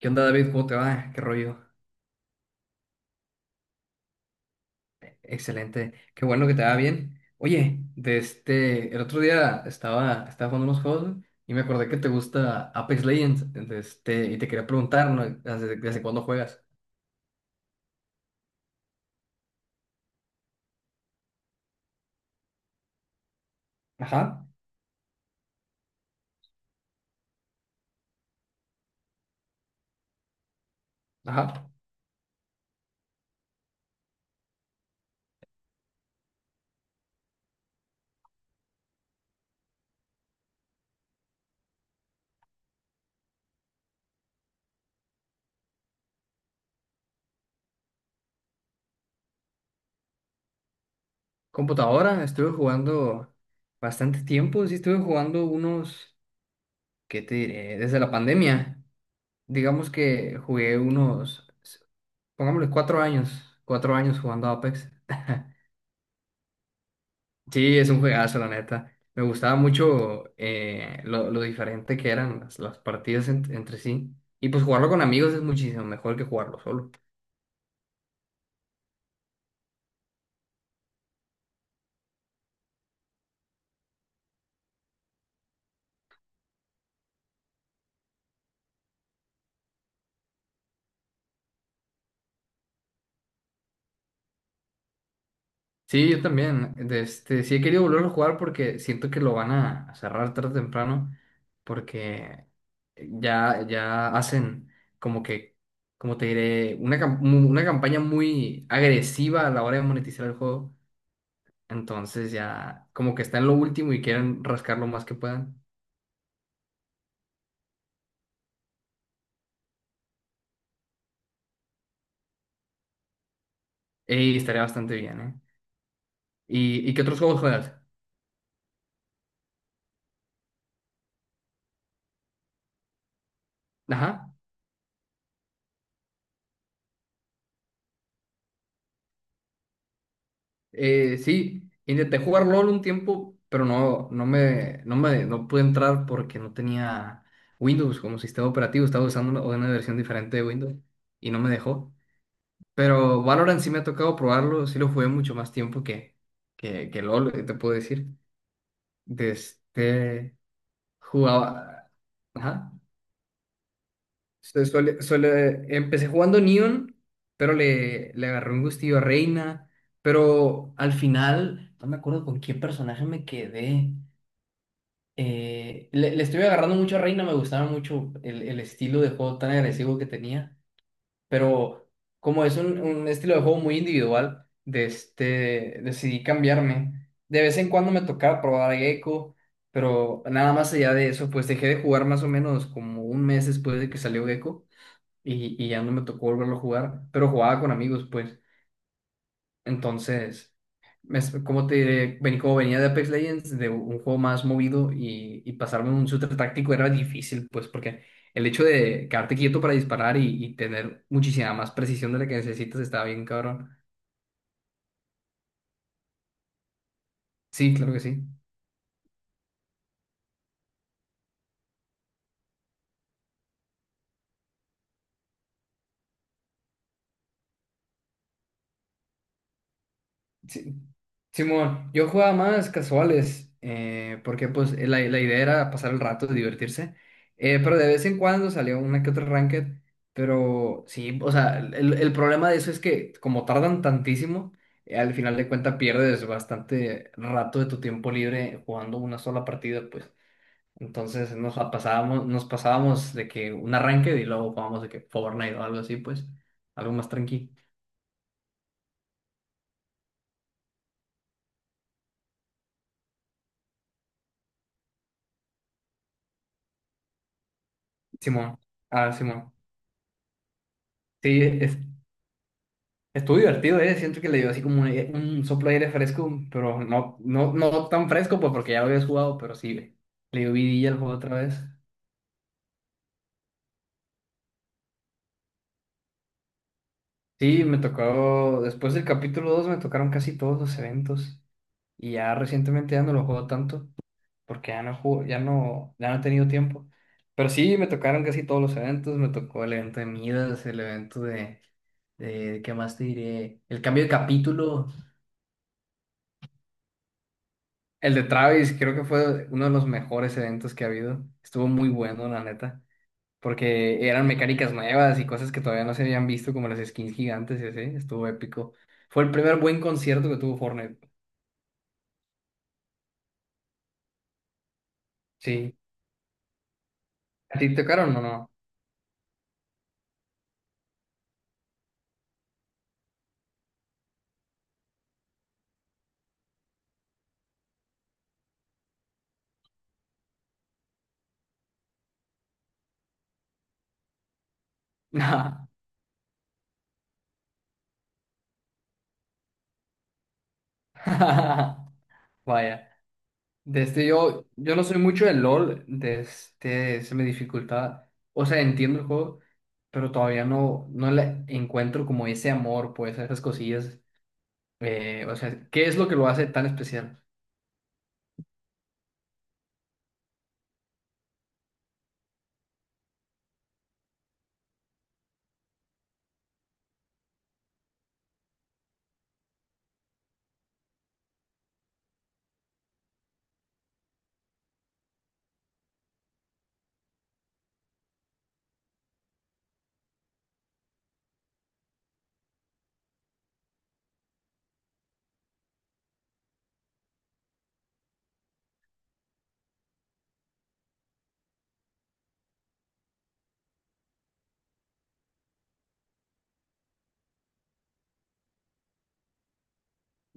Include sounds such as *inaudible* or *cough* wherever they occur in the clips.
¿Qué onda, David? ¿Cómo te va? ¿Qué rollo? Excelente. Qué bueno que te va bien. Oye, el otro día estaba jugando unos juegos y me acordé que te gusta Apex Legends, y te quería preguntar, ¿no? ¿Desde cuándo juegas? Ajá, ajá. Computadora, estuve jugando bastante tiempo, sí estuve jugando unos, ¿qué te diré? Desde la pandemia, digamos que jugué unos, pongámosle 4 años, 4 años jugando Apex. *laughs* Sí, es un juegazo, la neta. Me gustaba mucho lo diferente que eran las partidas entre sí. Y pues jugarlo con amigos es muchísimo mejor que jugarlo solo. Sí, yo también. Sí he querido volverlo a jugar porque siento que lo van a cerrar tarde o temprano. Porque ya hacen como que, como te diré, una campaña muy agresiva a la hora de monetizar el juego. Entonces ya como que está en lo último y quieren rascar lo más que puedan. Ey, estaría bastante bien, ¿eh? ¿Y qué otros juegos juegas? Ajá. Sí, intenté jugar LOL un tiempo, pero no pude entrar porque no tenía Windows como sistema operativo. Estaba usando una versión diferente de Windows y no me dejó. Pero Valorant sí me ha tocado probarlo. Sí lo jugué mucho más tiempo que LOL, te puedo decir. Desde jugaba. Ajá. Empecé jugando Neon, pero le agarré un gustillo a Reina. Pero al final, no me acuerdo con qué personaje me quedé. Le estoy agarrando mucho a Reina, me gustaba mucho el estilo de juego tan agresivo que tenía. Pero como es un estilo de juego muy individual, decidí cambiarme. De vez en cuando me tocaba probar a Gecko, pero nada más allá de eso, pues dejé de jugar más o menos como un mes después de que salió Gecko y ya no me tocó volverlo a jugar, pero jugaba con amigos, pues. Entonces, como ¿cómo te diré? Vení, como venía de Apex Legends, de un juego más movido y pasarme a un shooter táctico era difícil, pues, porque el hecho de quedarte quieto para disparar y tener muchísima más precisión de la que necesitas estaba bien, cabrón. Sí, claro que sí. Sí, Simón, yo jugaba más casuales, porque pues la idea era pasar el rato, divertirse, pero de vez en cuando salía una que otra ranked, pero sí, o sea, el problema de eso es que como tardan tantísimo, al final de cuentas pierdes bastante rato de tu tiempo libre jugando una sola partida, pues. Entonces nos pasábamos de que una ranked y luego jugábamos de que Fortnite o algo así, pues, algo más tranqui. Simón, ah, Simón. Sí, estuvo divertido, ¿eh? Siento que le dio así como un soplo de aire fresco, pero no tan fresco, pues porque ya lo habías jugado, pero sí, le dio vidilla al juego otra vez. Sí, me tocó, después del capítulo 2 me tocaron casi todos los eventos y ya recientemente ya no lo juego tanto porque ya no juego, ya no, ya no he tenido tiempo. Pero sí, me tocaron casi todos los eventos, me tocó el evento de Midas, el evento de ¿qué más te diré? El cambio de capítulo. El de Travis creo que fue uno de los mejores eventos que ha habido. Estuvo muy bueno, la neta, porque eran mecánicas nuevas y cosas que todavía no se habían visto, como las skins gigantes y así. Estuvo épico. Fue el primer buen concierto que tuvo Fortnite. Sí. ¿A ti te tocaron o no? No. *laughs* Vaya. Yo no soy mucho de LOL, desde se me dificulta. O sea, entiendo el juego, pero todavía no le encuentro como ese amor, pues, a esas cosillas. O sea, ¿qué es lo que lo hace tan especial?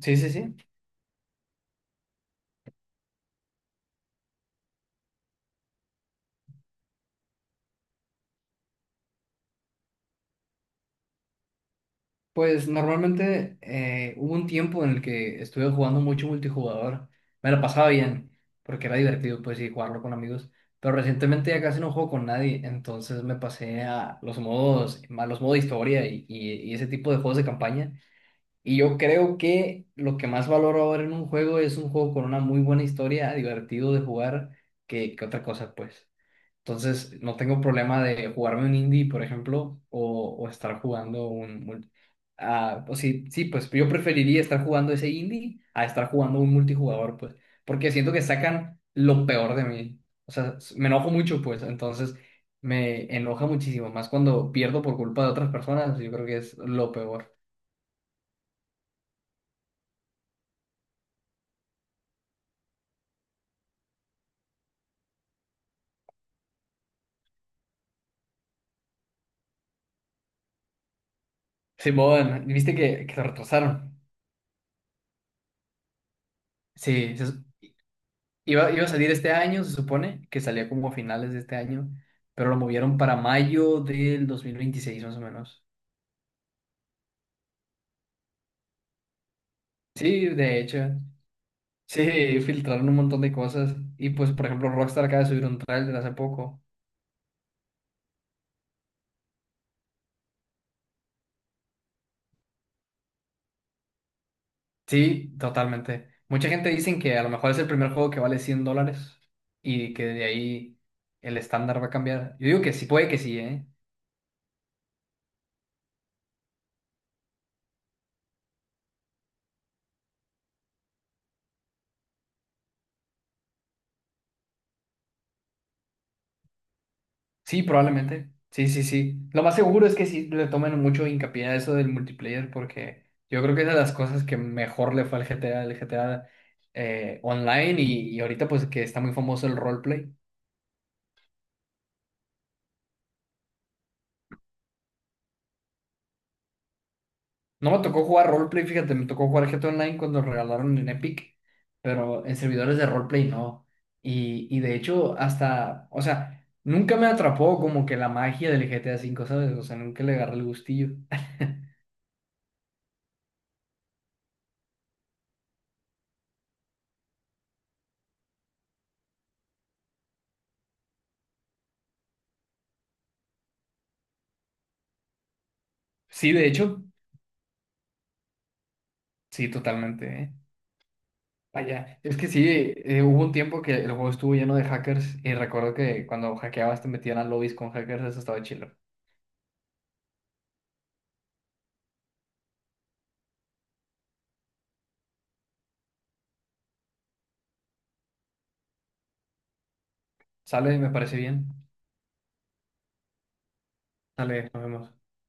Sí, sí, sí. Pues normalmente hubo un tiempo en el que estuve jugando mucho multijugador. Me lo pasaba bien, porque era divertido, pues, y jugarlo con amigos. Pero recientemente ya casi no juego con nadie, entonces me pasé a los modos de historia y ese tipo de juegos de campaña. Y yo creo que lo que más valoro ahora en un juego es un juego con una muy buena historia, divertido de jugar, que otra cosa, pues. Entonces, no tengo problema de jugarme un indie, por ejemplo, o estar jugando un... mul- ah, o sí, sí, pues yo preferiría estar jugando ese indie a estar jugando un multijugador, pues, porque siento que sacan lo peor de mí. O sea, me enojo mucho, pues, entonces me enoja muchísimo, más cuando pierdo por culpa de otras personas, yo creo que es lo peor. Simón, ¿viste que se retrasaron? Sí, iba a salir este año, se supone, que salía como a finales de este año, pero lo movieron para mayo del 2026 más o menos. Sí, de hecho. *laughs* Sí, filtraron un montón de cosas. Y pues, por ejemplo, Rockstar acaba de subir un trailer hace poco. Sí, totalmente. Mucha gente dicen que a lo mejor es el primer juego que vale $100 y que de ahí el estándar va a cambiar. Yo digo que sí, puede que sí, ¿eh? Sí, probablemente. Sí, sí, sí. Lo más seguro es que sí le tomen mucho hincapié a eso del multiplayer porque yo creo que es de las cosas que mejor le fue al GTA, el GTA Online y ahorita pues que está muy famoso el roleplay. No me tocó jugar roleplay, fíjate, me tocó jugar GTA Online cuando lo regalaron en Epic, pero en servidores de roleplay no. Y de hecho hasta, o sea, nunca me atrapó como que la magia del GTA 5, ¿sabes? O sea, nunca le agarré el gustillo. *laughs* Sí, de hecho, sí, totalmente, ¿eh? Vaya, es que sí, hubo un tiempo que el juego estuvo lleno de hackers y recuerdo que cuando hackeabas te metían a lobbies con hackers, eso estaba chido. Sale, me parece bien. Sale, nos vemos.